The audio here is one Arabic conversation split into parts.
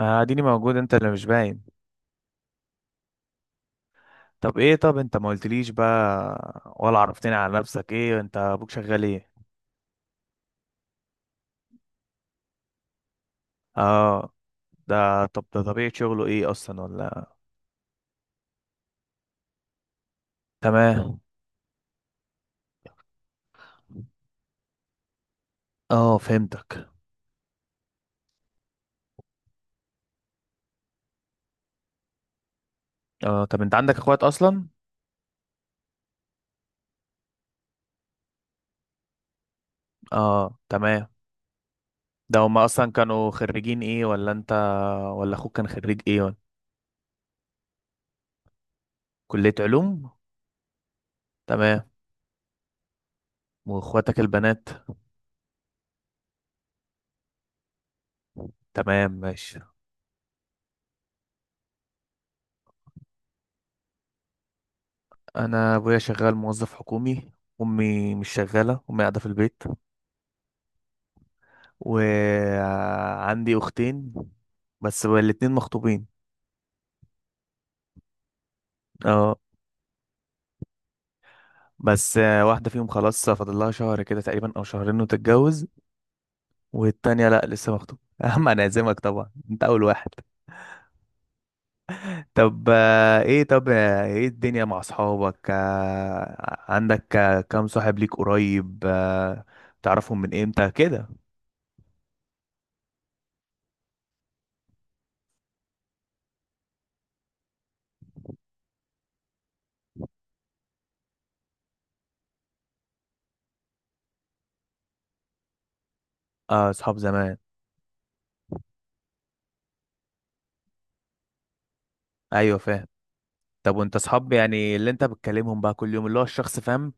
اديني موجود، انت اللي مش باين. طب انت ما قلتليش بقى ولا عرفتني على نفسك؟ ايه انت، ابوك شغال ايه؟ اه. ده طبيعة شغله ايه اصلا ولا... تمام. اه، فهمتك. اه، طب انت عندك اخوات اصلا؟ اه، تمام. ده هما اصلا كانوا خريجين ايه ولا انت؟ ولا اخوك كان خريج ايه ولا... كلية علوم. تمام. واخواتك البنات؟ تمام، ماشي. انا ابويا شغال موظف حكومي. امي مش شغالة، امي قاعدة في البيت. وعندي أختين، بس الاتنين مخطوبين. اه. بس واحدة فيهم خلاص فاضل لها شهر كده تقريبا أو شهرين وتتجوز. والتانية لأ، لسه مخطوبة. يا عم، أنا أعزمك طبعا، أنت أول واحد. طب إيه الدنيا مع أصحابك؟ عندك كام صاحب ليك قريب؟ تعرفهم من إمتى كده؟ اه، أصحاب زمان. أيوة، فاهم. طب وأنت أصحاب يعني اللي أنت بتكلمهم بقى كل يوم، اللي هو الشخص، فاهم؟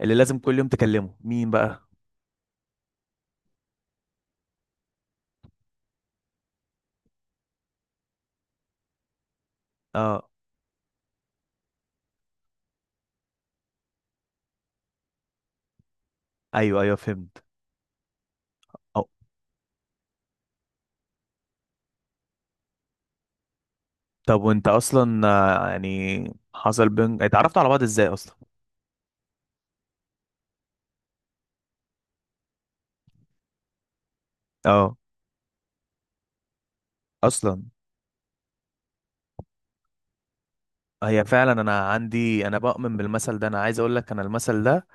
اللي لازم كل يوم تكلمه مين بقى؟ اه. ايوه، ايوه، فهمت. أو. طب وانت اصلا يعني حصل، بين اتعرفتوا على بعض ازاي اصلا؟ اه، اصلا. هي فعلا، انا عندي، انا بؤمن بالمثل ده. انا عايز اقول لك انا المثل ده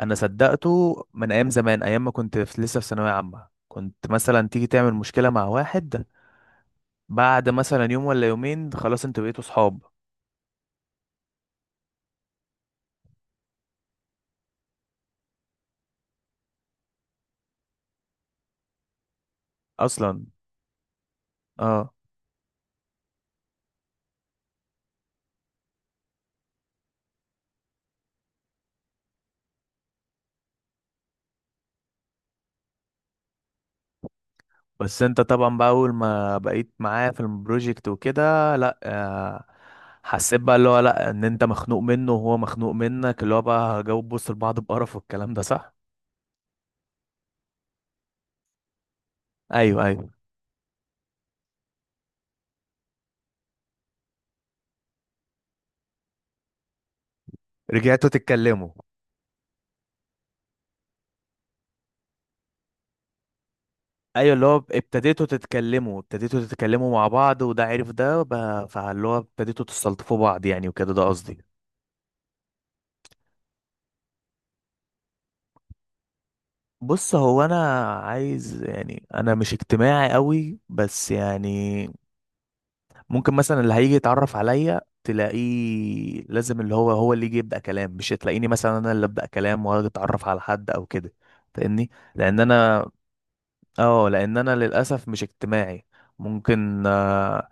انا صدقته من ايام زمان، ايام ما كنت لسه في ثانويه عامه. كنت مثلا تيجي تعمل مشكله مع واحد، بعد مثلا يوم ولا يومين خلاص انتوا بقيتوا صحاب. اصلا. اه. بس انت طبعا بقى اول ما بقيت معايا في البروجكت وكده، لا، حسيت بقى اللي هو، لا، ان انت مخنوق منه وهو مخنوق منك، اللي هو بقى، جاوب بص لبعض بقرف، والكلام ده صح. ايوه، ايوه، رجعتوا تتكلموا. ايوه، اللي هو ابتديتوا تتكلموا مع بعض، وده عرف ده بقى- فاللي هو ابتديتوا تستلطفوا بعض يعني وكده، ده قصدي. بص، هو انا عايز يعني، انا مش اجتماعي قوي بس يعني ممكن مثلا اللي هيجي يتعرف عليا تلاقيه لازم اللي هو اللي يجي يبدأ كلام، مش تلاقيني مثلا انا اللي ابدأ كلام واجي اتعرف على حد او كده، فاهمني؟ لان انا... اه، لان انا للاسف مش اجتماعي. ممكن،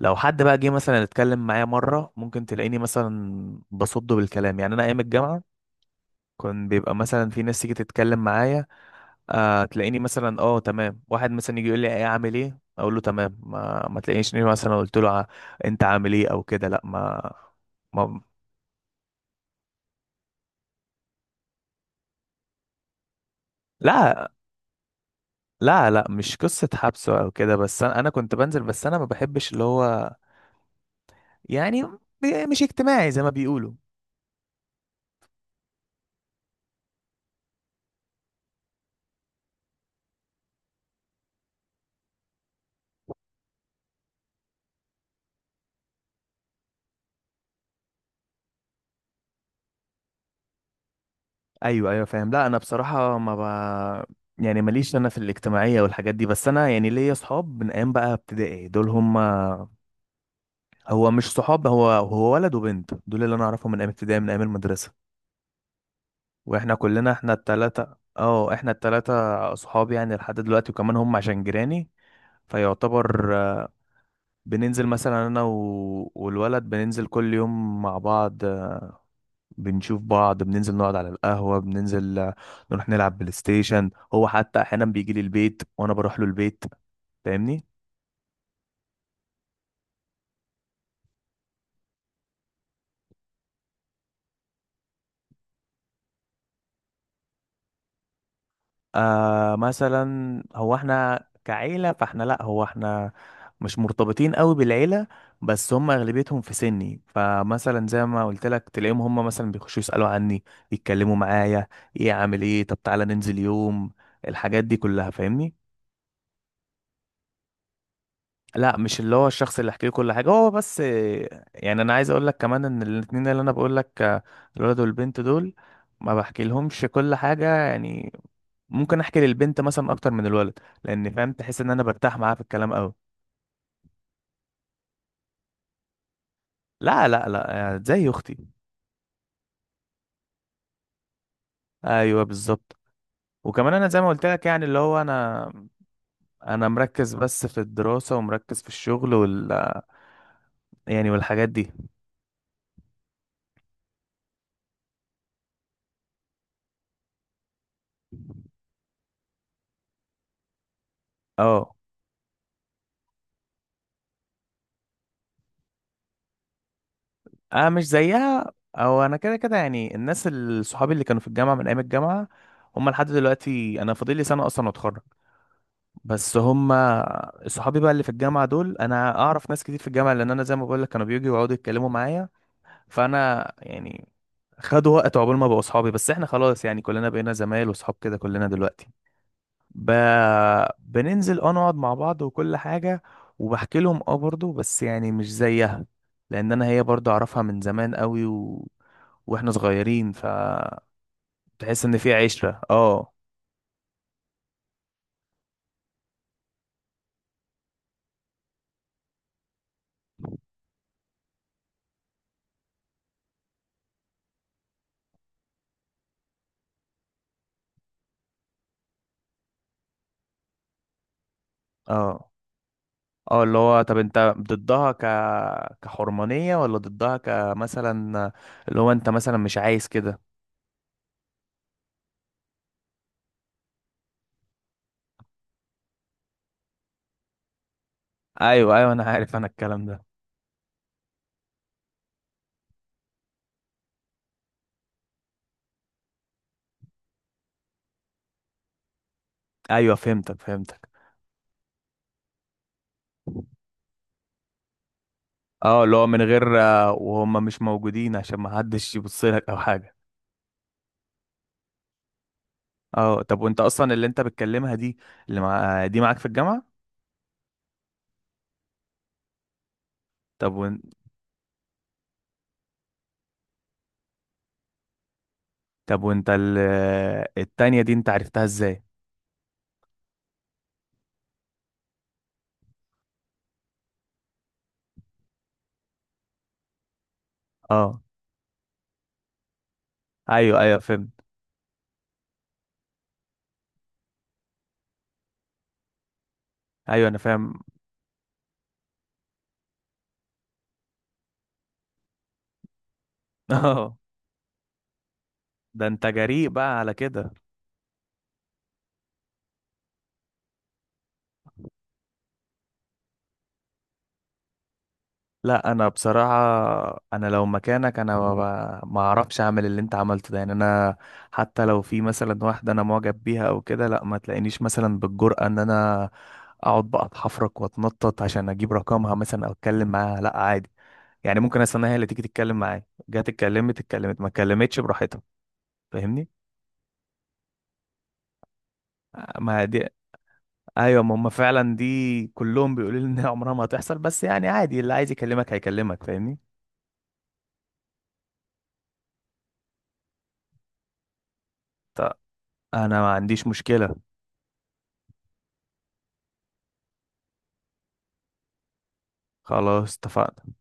لو حد بقى جه مثلا اتكلم معايا مره، ممكن تلاقيني مثلا بصده بالكلام. يعني انا ايام الجامعه كان بيبقى مثلا في ناس تيجي تتكلم معايا، آه، تلاقيني مثلا اه تمام. واحد مثلا يجي يقول لي ايه عامل ايه، اقول له تمام، ما تلاقينيش اني مثلا قلت له ع- انت عامل ايه او كده، لا. ما ما لا، لا، لا، مش قصة حبسه او كده، بس انا كنت بنزل، بس انا ما بحبش اللي هو يعني مش اجتماعي زي ما بيقولوا. ايوه، ايوه، فاهم. لا انا بصراحة ما ب... يعني ماليش انا في الاجتماعية والحاجات دي، بس انا يعني ليا صحاب من ايام بقى ابتدائي، دول هم. هو مش صحاب، هو ولد وبنت دول، اللي انا اعرفهم من ايام ابتدائي، من ايام المدرسة. واحنا كلنا، احنا التلاتة. اه، احنا التلاتة اصحاب يعني لحد دلوقتي، وكمان هم عشان جيراني، فيعتبر، بننزل مثلا، انا والولد، بننزل كل يوم مع بعض، بنشوف بعض، بننزل نقعد على القهوة، بننزل، نروح نلعب بلاي ستيشن. هو حتى احيانا بيجي لي البيت وانا بروح له البيت، فاهمني؟ آه، مثلا، هو احنا كعيلة، فاحنا لا هو احنا مش مرتبطين قوي بالعيلة. بس هم اغلبيتهم في سني، فمثلا زي ما قلت لك تلاقيهم هم مثلا بيخشوا يسألوا عني، يتكلموا معايا، ايه عامل ايه، طب تعالى ننزل يوم، الحاجات دي كلها، فاهمني؟ لا، مش اللي هو الشخص اللي احكي له كل حاجه هو بس. يعني انا عايز اقول لك كمان ان الاتنين اللي انا بقول لك، الولد والبنت دول، ما بحكي لهمش كل حاجه يعني. ممكن احكي للبنت مثلا اكتر من الولد، لان، فاهم، تحس ان انا برتاح معاها في الكلام قوي. لا، لا، لا، يعني زي اختي. ايوه، بالظبط. وكمان انا زي ما قلت لك يعني اللي هو انا مركز بس في الدراسه، ومركز في الشغل وال... يعني والحاجات دي. اه، اه، مش زيها. او انا كده كده يعني الناس صحابي اللي كانوا في الجامعه من ايام الجامعه، هم لحد دلوقتي، انا فاضل لي سنه اصلا واتخرج، بس هم صحابي بقى اللي في الجامعه دول. انا اعرف ناس كتير في الجامعه لان انا زي ما بقول لك كانوا بييجوا يقعدوا يتكلموا معايا، فانا يعني خدوا وقت عقبال ما بقوا صحابي، بس احنا خلاص يعني كلنا بقينا زمايل وصحاب كده كلنا دلوقتي. ب... بننزل، اه، نقعد مع بعض وكل حاجة، وبحكي لهم اه برضه، بس يعني مش زيها، لأن أنا هي برضه أعرفها من زمان قوي و... وإحنا صغيرين، فتحس إن في عشرة. اه، اه. اه، اللي هو، طب انت ضدها ك- كحرمانية، ولا ضدها كمثلا اللي هو انت مثلا مش عايز كده؟ ايوه، ايوه، انا عارف انا الكلام ده. ايوه، فهمتك، فهمتك. اه، اللي هو من غير، وهم مش موجودين، عشان ما حدش يبص لك او حاجه. اه، طب وانت اصلا اللي انت بتكلمها دي، اللي مع دي معاك في الجامعه؟ طب وانت طب وانت التانية دي انت عرفتها ازاي؟ اه، ايوه، ايوه، فهمت. ايوه، انا فاهم. اه، ده انت جريء بقى على كده. لا انا بصراحه، انا لو مكانك انا ما اعرفش اعمل اللي انت عملته ده، يعني انا حتى لو في مثلا واحده انا معجب بيها او كده، لا، ما تلاقينيش مثلا بالجرأة ان انا اقعد بقى اتحفرك واتنطط عشان اجيب رقمها مثلا او اتكلم معاها. لا عادي يعني، ممكن استناها هي اللي تيجي تتكلم معايا. جت اتكلمت، اتكلمت، ما اتكلمتش براحتها. فاهمني؟ ما دي... ايوه، ما هم فعلا دي كلهم بيقولوا لي ان هي عمرها ما هتحصل، بس يعني عادي، اللي عايز يكلمك هيكلمك، فاهمني؟ طب، انا ما عنديش مشكله. خلاص، اتفقنا.